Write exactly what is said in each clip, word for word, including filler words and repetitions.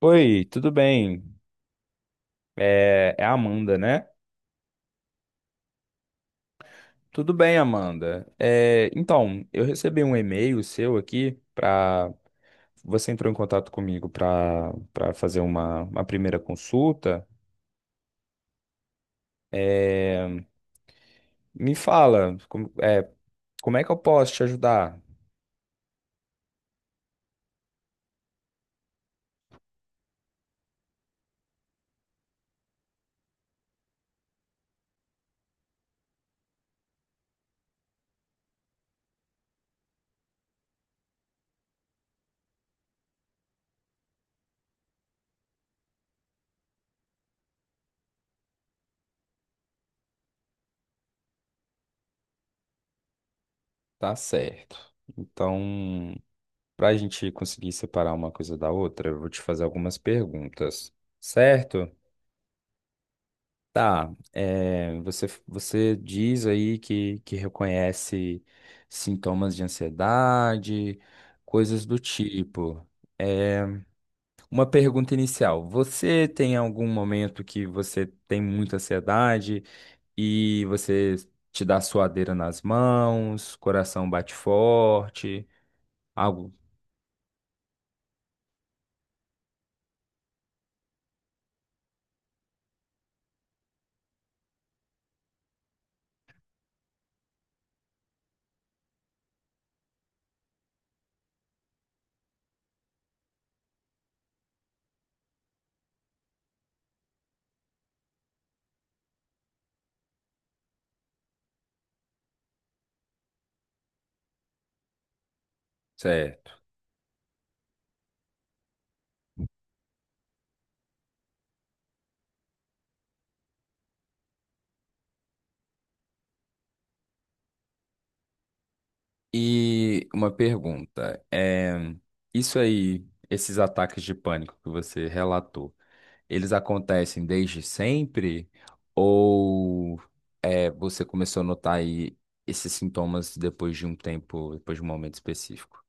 Oi, tudo bem? É, é a Amanda, né? Tudo bem, Amanda. É, então, eu recebi um e-mail seu aqui para você entrou em contato comigo para para fazer uma, uma primeira consulta. É, me fala, como é, como é que eu posso te ajudar? Tá certo. Então, para a gente conseguir separar uma coisa da outra, eu vou te fazer algumas perguntas, certo? Tá, é, você, você diz aí que, que reconhece sintomas de ansiedade, coisas do tipo. É, uma pergunta inicial: você tem algum momento que você tem muita ansiedade e você te dá suadeira nas mãos, coração bate forte, algo certo? E uma pergunta: é, isso aí, esses ataques de pânico que você relatou. Eles acontecem desde sempre? Ou é, você começou a notar aí esses sintomas depois de um tempo, depois de um momento específico?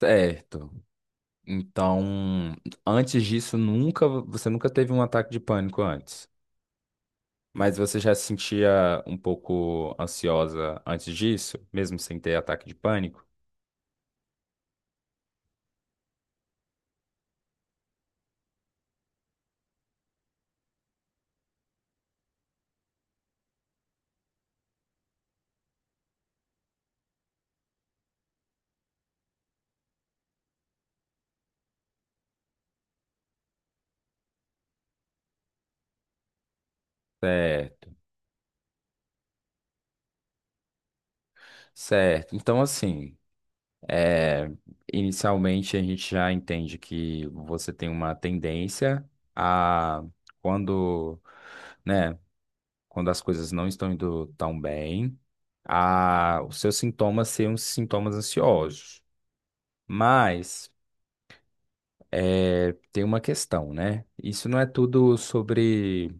Certo. Então, antes disso, nunca, você nunca teve um ataque de pânico antes. Mas você já se sentia um pouco ansiosa antes disso, mesmo sem ter ataque de pânico? Certo. Certo. Então, assim. É, inicialmente, a gente já entende que você tem uma tendência a, quando, né, quando as coisas não estão indo tão bem, a, os seus sintomas serem uns sintomas ansiosos. Mas é, tem uma questão, né? Isso não é tudo sobre.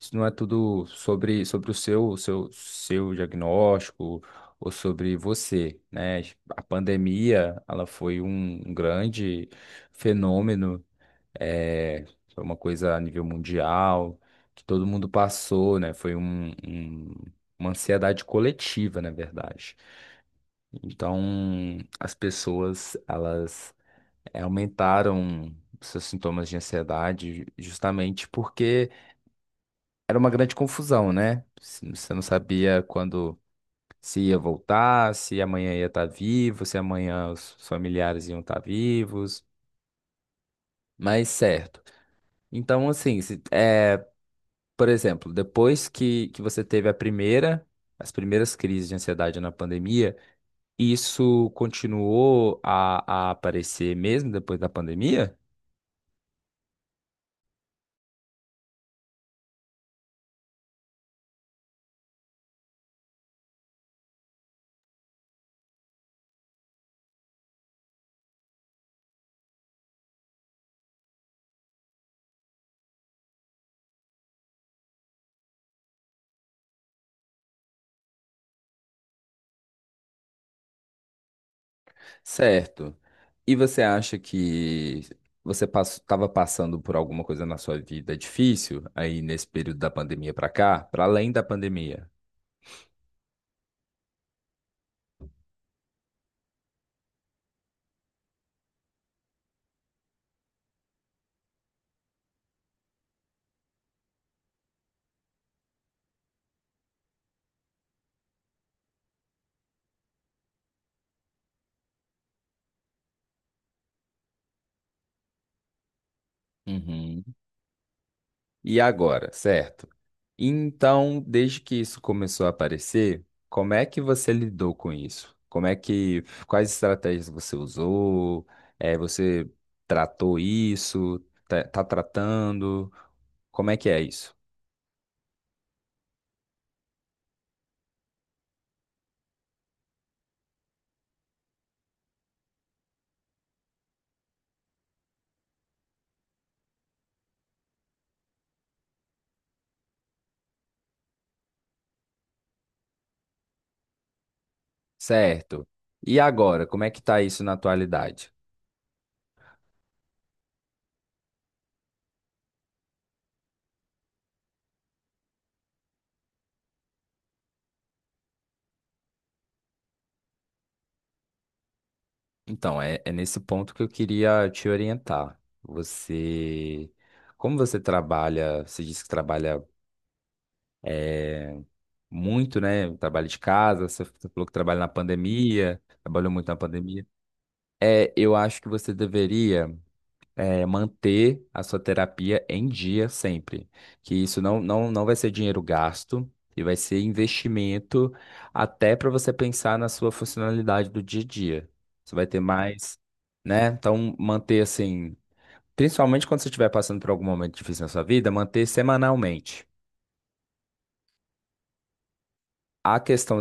Isso não é tudo sobre, sobre o seu, o seu, seu diagnóstico ou sobre você, né? A pandemia, ela foi um, um grande fenômeno, é, foi uma coisa a nível mundial, que todo mundo passou, né? Foi um, um- uma ansiedade coletiva, na verdade. Então, as pessoas, elas eh, aumentaram seus sintomas de ansiedade justamente porque era uma grande confusão, né? Se- Você não sabia quando se ia voltar, se amanhã ia estar vivo, se amanhã os familiares iam estar vivos, mas certo. Então, assim, se- é, por exemplo, depois que, que você teve a primeira, as primeiras crises de ansiedade na pandemia, isso continuou a, a aparecer mesmo depois da pandemia? Certo. E você acha que você estava passando por alguma coisa na sua vida difícil aí nesse período da pandemia para cá, para além da pandemia? Uhum. E agora, certo? Então, desde que isso começou a aparecer, como é que você lidou com isso? Como é que, quais estratégias você usou? Eh, você tratou isso? Tá, tá tratando? Como é que é isso? Certo. E agora, como é que tá isso na atualidade? Então, é, é nesse ponto que eu queria te orientar. Você, como você trabalha, você disse que trabalha muito, né? Trabalha de casa, você você falou que trabalha na pandemia, trabalhou muito na pandemia. É, eu acho que você deveria, é, manter a sua terapia em dia sempre. Que isso não, não, não vai ser dinheiro gasto e vai ser investimento até para você pensar na sua funcionalidade do dia a dia. Você vai ter mais né? Então, manter assim. Principalmente quando você estiver passando por algum momento difícil na sua vida, manter semanalmente. A questão,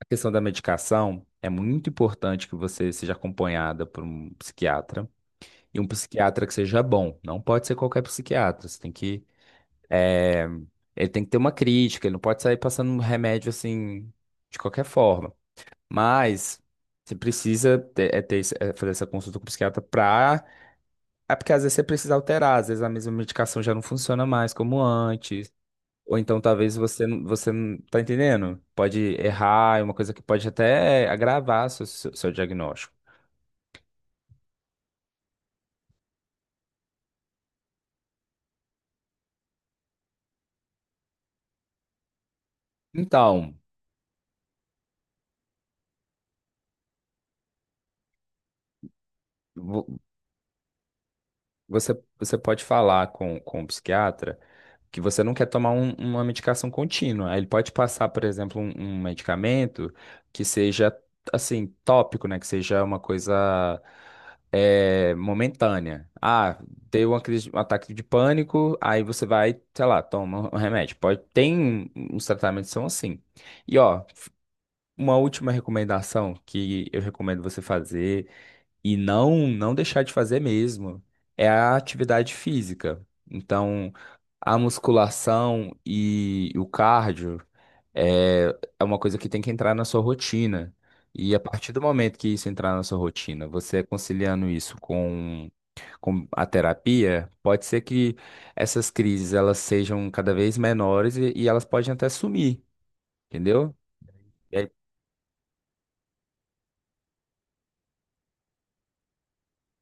a questão da medicação é muito importante que você seja acompanhada por um psiquiatra e um psiquiatra que seja bom. Não pode ser qualquer psiquiatra. Você tem que, eh, Ele tem que ter uma crítica. Ele não pode sair passando um remédio assim de qualquer forma. Mas você precisa ter, é ter esse- é fazer essa consulta com o psiquiatra para, é porque às vezes você precisa alterar. Às vezes a mesma medicação já não funciona mais como antes. Ou então talvez você, não- você não tá entendendo? Pode errar, é uma coisa que pode até agravar seu, seu, seu diagnóstico. Então, vo- você, você pode falar com, com o psiquiatra que você não quer tomar um- uma medicação contínua. Aí ele pode passar, por exemplo, um, um medicamento que seja assim, tópico, né? Que seja uma coisa é, momentânea. Ah, deu uma crise, um ataque de pânico, aí você vai, sei lá, toma um remédio. Pode, tem um, uns tratamentos que são assim. E ó, f- uma última recomendação que eu recomendo você fazer e não não deixar de fazer mesmo é a atividade física. Então, a musculação e o cardio é, é uma coisa que tem que entrar na sua rotina. E a partir do momento que isso entrar na sua rotina, você conciliando isso com, com a terapia, pode ser que essas crises elas sejam cada vez menores e, e elas podem até sumir, entendeu?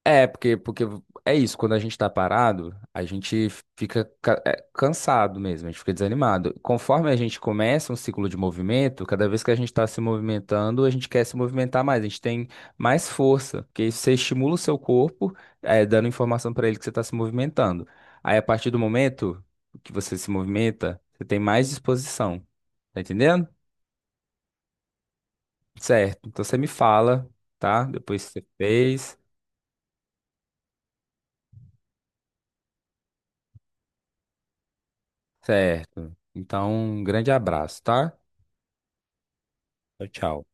É, porque, porque é isso, quando a gente tá parado, a gente fica ca- é, cansado mesmo, a gente fica desanimado. Conforme a gente começa um ciclo de movimento, cada vez que a gente tá se movimentando, a gente quer se movimentar mais, a gente tem mais força, porque você estimula o seu corpo, é, dando informação pra ele que você tá se movimentando. Aí, a partir do momento que você se movimenta, você tem mais disposição, tá entendendo? Certo, então você me fala, tá? Depois que você fez. Certo. Então, um grande abraço, tá? Tchau, tchau.